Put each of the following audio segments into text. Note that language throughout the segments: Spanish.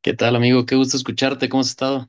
¿Qué tal, amigo? Qué gusto escucharte. ¿Cómo has estado?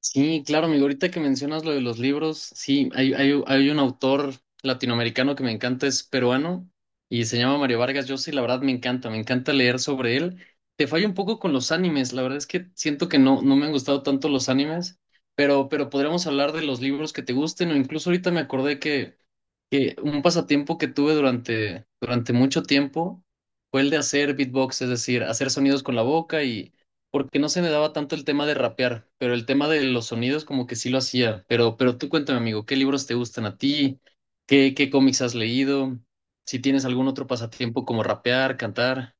Sí, claro, amigo. Ahorita que mencionas lo de los libros, sí, hay un autor latinoamericano que me encanta, es peruano y se llama Mario Vargas Llosa y la verdad me encanta leer sobre él. Te fallo un poco con los animes, la verdad es que siento que no me han gustado tanto los animes, pero podríamos hablar de los libros que te gusten o incluso ahorita me acordé que un pasatiempo que tuve durante mucho tiempo fue el de hacer beatbox, es decir, hacer sonidos con la boca y porque no se me daba tanto el tema de rapear, pero el tema de los sonidos como que sí lo hacía. Pero tú cuéntame, amigo, ¿qué libros te gustan a ti? ¿Qué cómics has leído? Si tienes algún otro pasatiempo como rapear, cantar.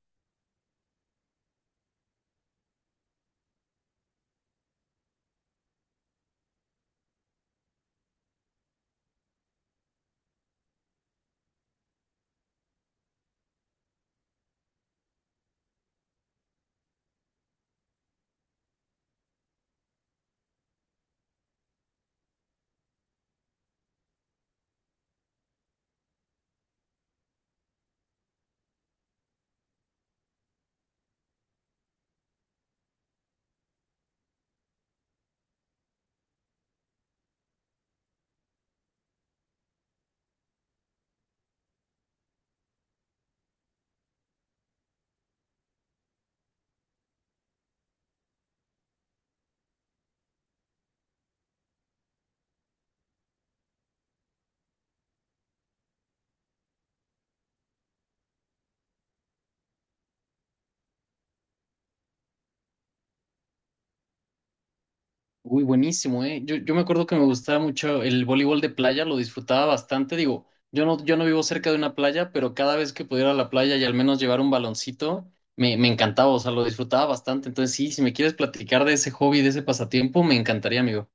Uy, buenísimo, ¿eh? Yo me acuerdo que me gustaba mucho el voleibol de playa, lo disfrutaba bastante. Digo, yo no vivo cerca de una playa, pero cada vez que pudiera ir a la playa y al menos llevar un baloncito, me encantaba, o sea, lo disfrutaba bastante. Entonces, sí, si me quieres platicar de ese hobby, de ese pasatiempo, me encantaría, amigo.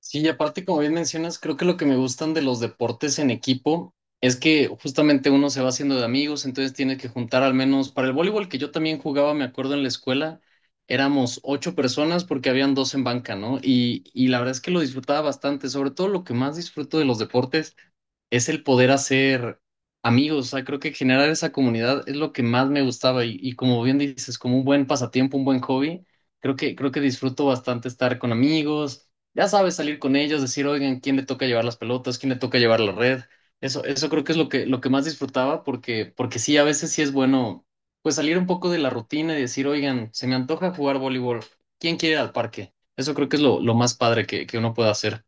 Sí, y aparte, como bien mencionas, creo que lo que me gustan de los deportes en equipo es que justamente uno se va haciendo de amigos, entonces tiene que juntar al menos para el voleibol que yo también jugaba, me acuerdo en la escuela, éramos ocho personas porque habían dos en banca, ¿no? Y la verdad es que lo disfrutaba bastante, sobre todo lo que más disfruto de los deportes es el poder hacer amigos, o sea, creo que generar esa comunidad es lo que más me gustaba y como bien dices, como un buen pasatiempo, un buen hobby, creo que disfruto bastante estar con amigos, ya sabes, salir con ellos, decir, oigan, ¿quién le toca llevar las pelotas? ¿Quién le toca llevar la red? Eso creo que es lo que más disfrutaba porque sí, a veces sí es bueno, pues salir un poco de la rutina y decir, oigan, se me antoja jugar voleibol, ¿quién quiere ir al parque? Eso creo que es lo más padre que uno puede hacer.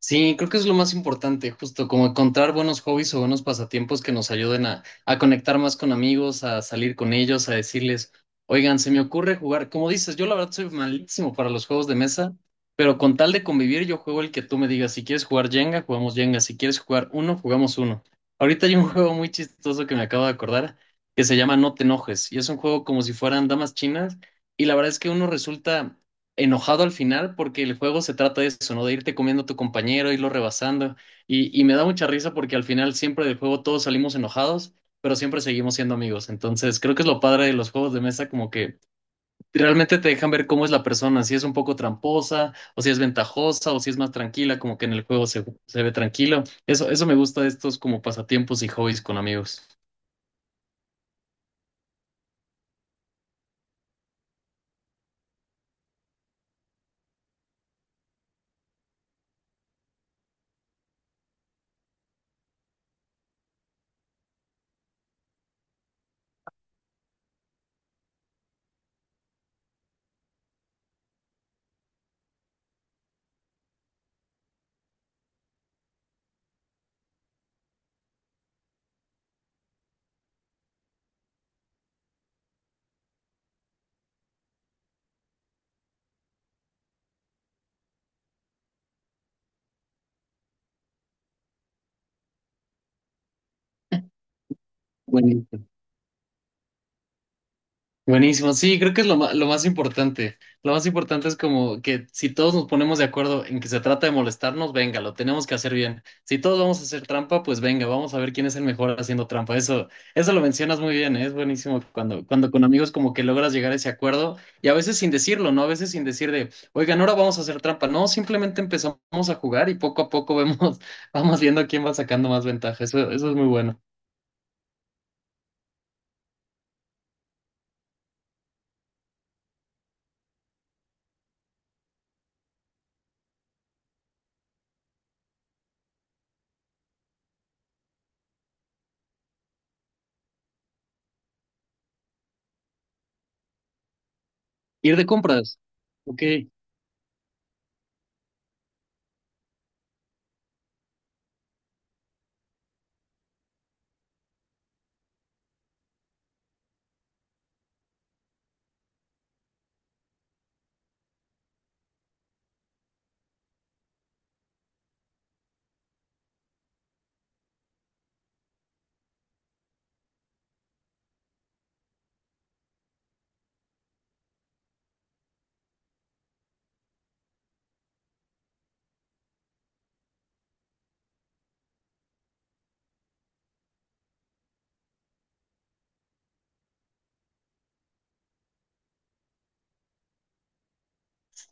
Sí, creo que es lo más importante, justo como encontrar buenos hobbies o buenos pasatiempos que nos ayuden a conectar más con amigos, a salir con ellos, a decirles, oigan, se me ocurre jugar, como dices, yo la verdad soy malísimo para los juegos de mesa, pero con tal de convivir yo juego el que tú me digas, si quieres jugar Jenga, jugamos Jenga, si quieres jugar uno, jugamos uno. Ahorita hay un juego muy chistoso que me acabo de acordar que se llama No te enojes y es un juego como si fueran damas chinas y la verdad es que uno resulta enojado al final porque el juego se trata de eso, ¿no? De irte comiendo a tu compañero, irlo rebasando. Y me da mucha risa porque al final siempre del juego todos salimos enojados, pero siempre seguimos siendo amigos. Entonces creo que es lo padre de los juegos de mesa, como que realmente te dejan ver cómo es la persona, si es un poco tramposa, o si es ventajosa, o si es más tranquila, como que en el juego se, se ve tranquilo. Eso me gusta de estos como pasatiempos y hobbies con amigos. Buenísimo. Buenísimo, sí, creo que es lo más importante. Lo más importante es como que si todos nos ponemos de acuerdo en que se trata de molestarnos, venga, lo tenemos que hacer bien. Si todos vamos a hacer trampa, pues venga, vamos a ver quién es el mejor haciendo trampa. Eso lo mencionas muy bien, ¿eh? Es buenísimo cuando con amigos como que logras llegar a ese acuerdo y a veces sin decirlo, ¿no? A veces sin decir de, oigan, ahora vamos a hacer trampa. No, simplemente empezamos a jugar y poco a poco vemos, vamos viendo quién va sacando más ventaja. Eso es muy bueno. Ir de compras. Ok.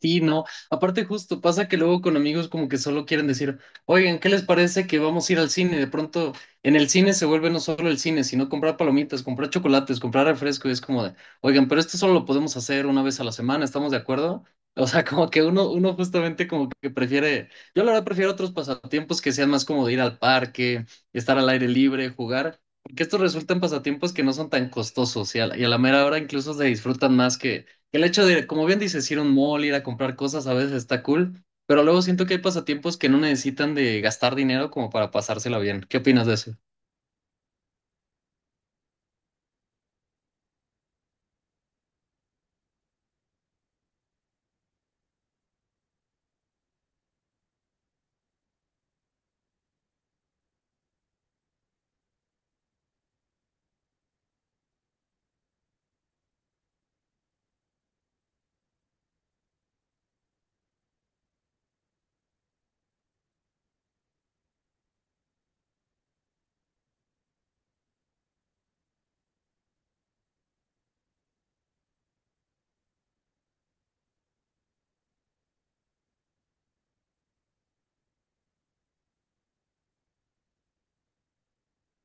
Sí, no. Aparte, justo pasa que luego con amigos como que solo quieren decir, oigan, ¿qué les parece que vamos a ir al cine? De pronto en el cine se vuelve no solo el cine, sino comprar palomitas, comprar chocolates, comprar refresco. Y es como de, oigan, pero esto solo lo podemos hacer una vez a la semana, ¿estamos de acuerdo? O sea, como que uno justamente como que prefiere, yo la verdad prefiero otros pasatiempos que sean más como de ir al parque, estar al aire libre, jugar, porque estos resultan pasatiempos que no son tan costosos y a la mera hora incluso se disfrutan más el hecho de, como bien dices, ir a un mall, ir a comprar cosas a veces está cool, pero luego siento que hay pasatiempos que no necesitan de gastar dinero como para pasársela bien. ¿Qué opinas de eso?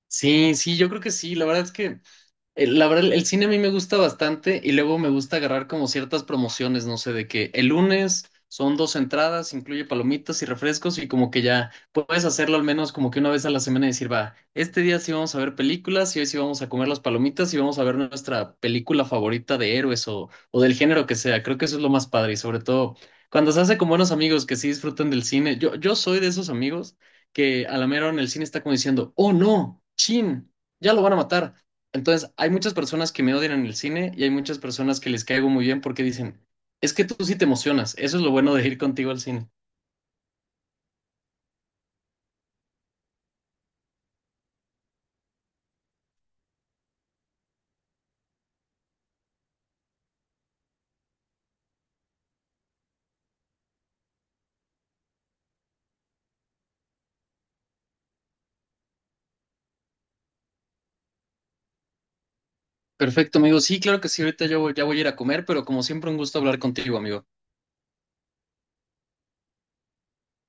Sí, sí, yo creo que sí. La verdad, el cine a mí me gusta bastante y luego me gusta agarrar como ciertas promociones, no sé, de que el lunes son dos entradas, incluye palomitas y refrescos y como que ya puedes hacerlo al menos como que una vez a la semana y decir, va, este día sí vamos a ver películas y hoy sí vamos a comer las palomitas y vamos a ver nuestra película favorita de héroes o del género que sea. Creo que eso es lo más padre y sobre todo cuando se hace con buenos amigos que sí disfrutan del cine. Yo soy de esos amigos que a la mera hora en el cine está como diciendo, oh no, chin, ya lo van a matar. Entonces, hay muchas personas que me odian en el cine y hay muchas personas que les caigo muy bien porque dicen, es que tú sí te emocionas, eso es lo bueno de ir contigo al cine. Perfecto, amigo. Sí, claro que sí, ahorita ya voy a ir a comer, pero como siempre un gusto hablar contigo, amigo.